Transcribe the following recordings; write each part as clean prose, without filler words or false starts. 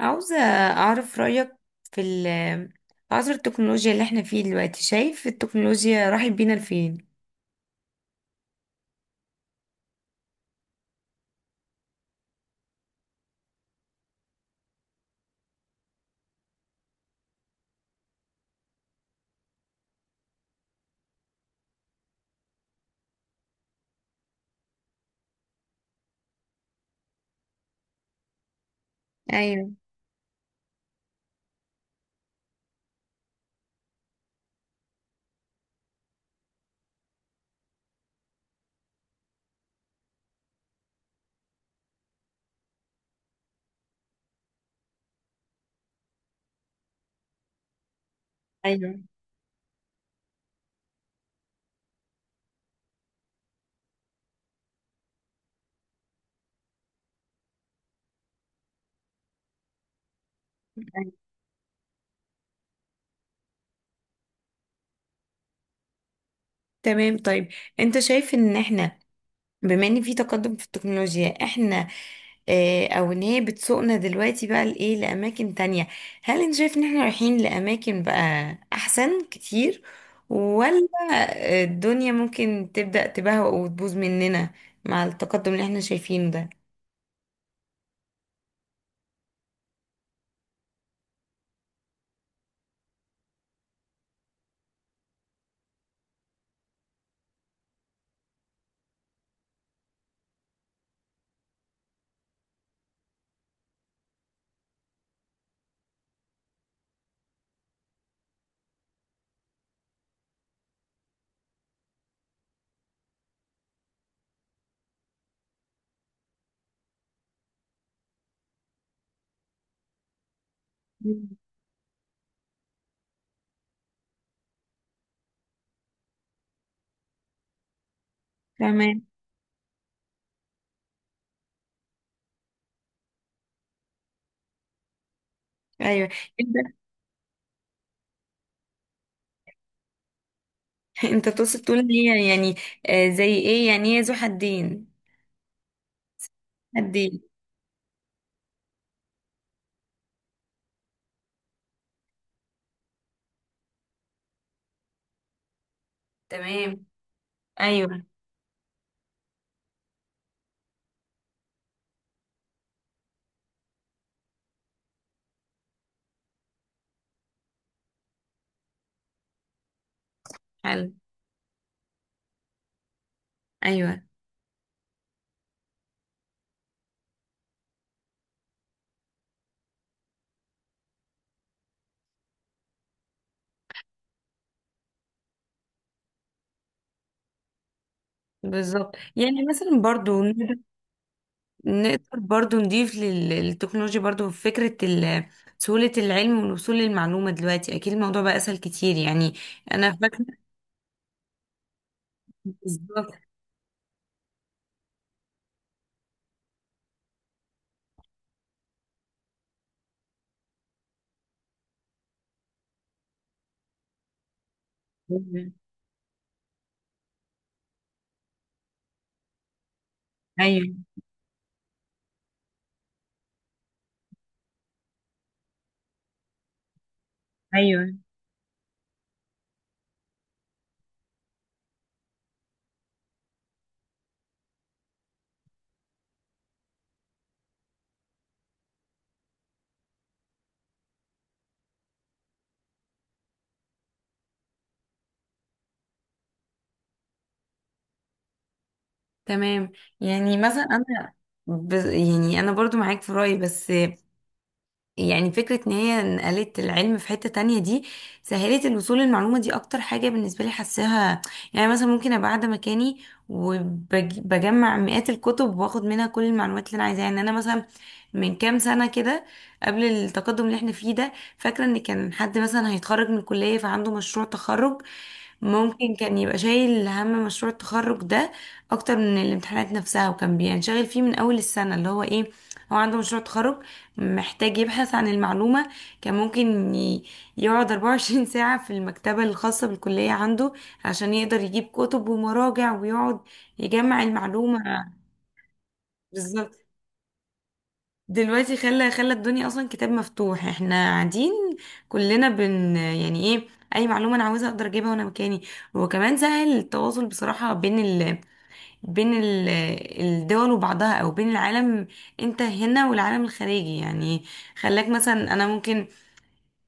عاوزة أعرف رأيك في عصر التكنولوجيا اللي احنا فيه دلوقتي. شايف التكنولوجيا راحت بينا لفين؟ ايوه. ايوه. أيوة. تمام. طيب، انت شايف ان احنا، بما ان في تقدم في التكنولوجيا، احنا اه او ان هي بتسوقنا دلوقتي بقى لايه، لأماكن تانية. هل انت شايف ان احنا رايحين لأماكن بقى أحسن كتير، ولا الدنيا ممكن تبدأ تبهوأ وتبوظ مننا مع التقدم اللي احنا شايفينه ده؟ مم. تمام. ايوه. انت انت تقصد تقول ان هي يعني، زي ايه، يعني هي ذو حدين؟ حدين. تمام. ايوه. حلو. ايوه. بالظبط. يعني مثلا برضو نقدر برضو نضيف للتكنولوجيا برضو فكرة سهولة العلم والوصول للمعلومة. دلوقتي اكيد الموضوع بقى اسهل كتير يعني. انا فاكرة. بالظبط. ايوه. ايوه. تمام. يعني مثلا انا يعني انا برضو معاك في رأيي، بس يعني فكرة ان هي نقلت العلم في حتة تانية دي، سهلت الوصول للمعلومة دي اكتر حاجة بالنسبة لي حاساها. يعني مثلا ممكن ابقى قاعدة مكاني وبجمع مئات الكتب واخد منها كل المعلومات اللي انا عايزاها. يعني انا مثلا من كام سنة كده، قبل التقدم اللي احنا فيه ده، فاكرة ان كان حد مثلا هيتخرج من الكلية فعنده مشروع تخرج. ممكن كان يبقى شايل هم مشروع التخرج ده اكتر من الامتحانات نفسها، وكان بينشغل فيه من اول السنة اللي هو ايه. هو عنده مشروع تخرج، محتاج يبحث عن المعلومة. كان ممكن يقعد 24 ساعة في المكتبة الخاصة بالكلية عنده، عشان يقدر يجيب كتب ومراجع ويقعد يجمع المعلومة. بالظبط. دلوقتي خلى الدنيا أصلا كتاب مفتوح. احنا قاعدين كلنا يعني ايه، أي معلومة أنا عاوزها أقدر أجيبها وأنا مكاني. وكمان سهل التواصل بصراحة بين بين ال... الدول وبعضها، أو بين العالم. أنت هنا والعالم الخارجي، يعني خلاك مثلا، أنا ممكن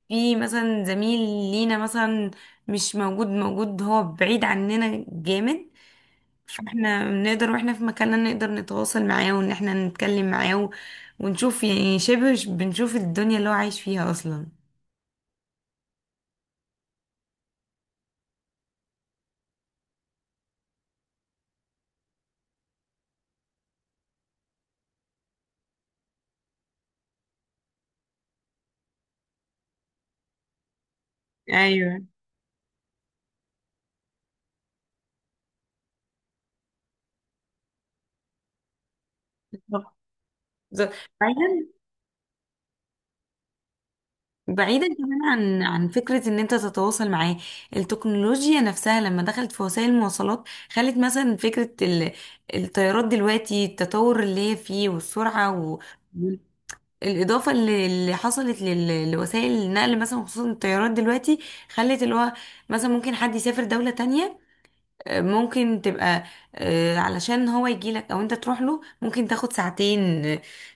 في مثلا زميل لينا مثلا مش موجود، موجود هو بعيد عننا جامد، فاحنا نقدر واحنا في مكاننا نقدر نتواصل معاه وان احنا نتكلم معاه ونشوف يعني شبه بنشوف الدنيا اللي هو عايش فيها اصلا. ايوه. بالظبط. بالظبط. بعيدا بعيدا كمان عن فكرة ان انت تتواصل معاه. التكنولوجيا نفسها لما دخلت في وسائل المواصلات، خلت مثلا فكرة الطيارات دلوقتي، التطور اللي هي فيه والسرعة، الإضافة اللي حصلت لوسائل النقل مثلا، خصوصا الطيارات دلوقتي، خلت اللي هو مثلا ممكن حد يسافر دولة تانية. ممكن تبقى، علشان هو يجيلك أو أنت تروح له ممكن تاخد ساعتين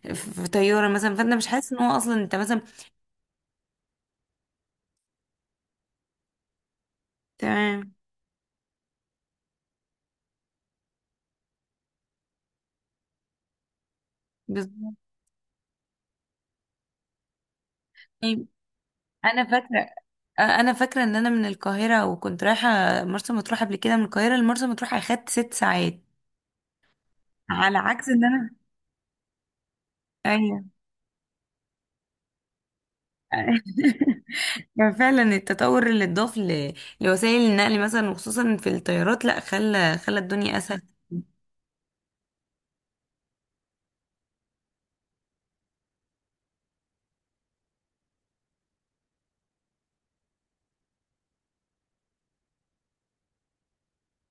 في طيارة مثلا، فأنت مش حاسس إن هو أصلا أنت مثلا. تمام. بالظبط. طيب، أنا فاكرة، أنا فاكرة إن أنا من القاهرة وكنت رايحة مرسى مطروح. قبل كده من القاهرة لمرسى مطروح أخدت ست ساعات، على عكس إن أنا. أيوه. يعني فعلا التطور اللي اتضاف لوسائل النقل مثلا، وخصوصا في الطيارات، لا خلى الدنيا اسهل.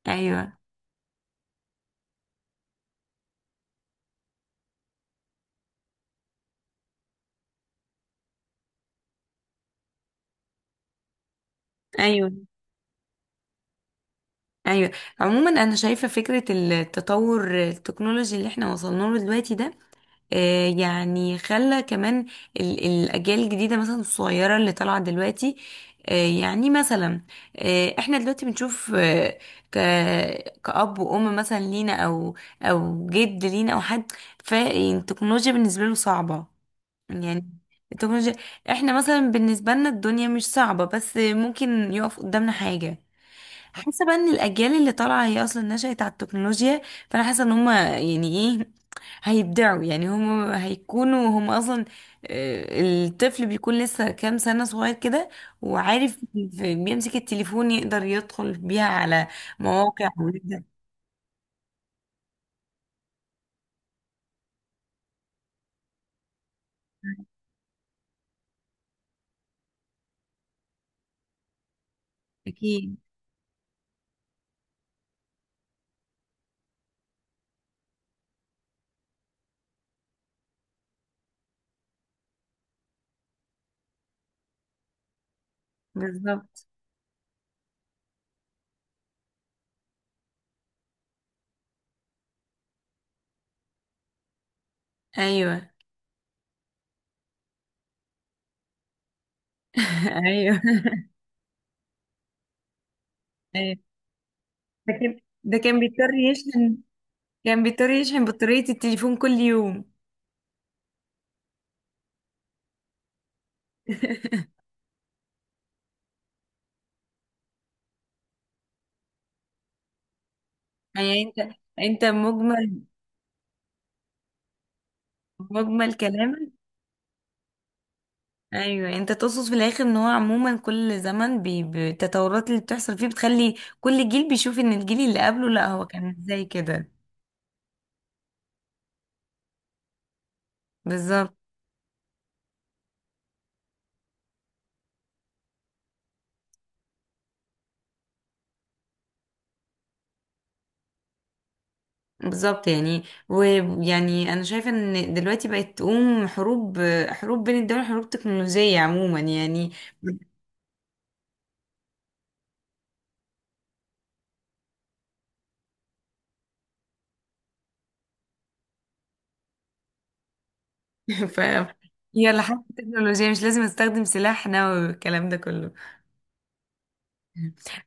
ايوه. ايوه. ايوه. عموما انا شايفه فكره التطور التكنولوجي اللي احنا وصلنا له دلوقتي ده، يعني خلى كمان الاجيال الجديده مثلا الصغيره اللي طالعه دلوقتي، يعني مثلا، احنا دلوقتي بنشوف، ك كأب وأم مثلا لينا، أو أو جد لينا، أو حد، فالتكنولوجيا بالنسبة له صعبة يعني، التكنولوجيا. احنا مثلا بالنسبة لنا الدنيا مش صعبة، بس ممكن يقف قدامنا حاجة. حاسة بقى ان الأجيال اللي طالعة هي أصلا نشأت على التكنولوجيا. فأنا حاسة ان هما يعني ايه، هيبدعوا يعني، هما هيكونوا هما أصلا. الطفل بيكون لسه كام سنة صغير كده وعارف بيمسك التليفون، يقدر يدخل بيها على مواقع ويقدر. أكيد. بالظبط. أيوه. أيوه. أيوه. ده كان بيضطر يشحن، كان بيضطر يشحن بطارية التليفون كل يوم. يعني انت مجمل، مجمل كلامك. ايوه. انت تقصد في الاخر ان هو عموما كل زمن بالتطورات اللي بتحصل فيه، بتخلي كل جيل بيشوف ان الجيل اللي قبله لا هو كان ازاي كده. بالظبط. بالظبط. يعني انا شايفه ان دلوقتي بقت تقوم حروب، حروب بين الدول، حروب تكنولوجيه عموما يعني. ف يلا، حتى التكنولوجيا مش لازم استخدم سلاح نووي والكلام ده كله.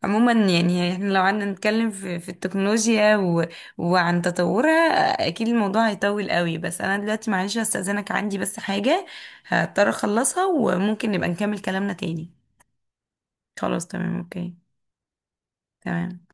عموما يعني احنا لو قعدنا نتكلم في التكنولوجيا وعن تطورها، اكيد الموضوع هيطول قوي. بس انا دلوقتي معلش هستأذنك، عندي بس حاجة هضطر اخلصها، وممكن نبقى نكمل كلامنا تاني. خلاص، تمام، اوكي. تمام.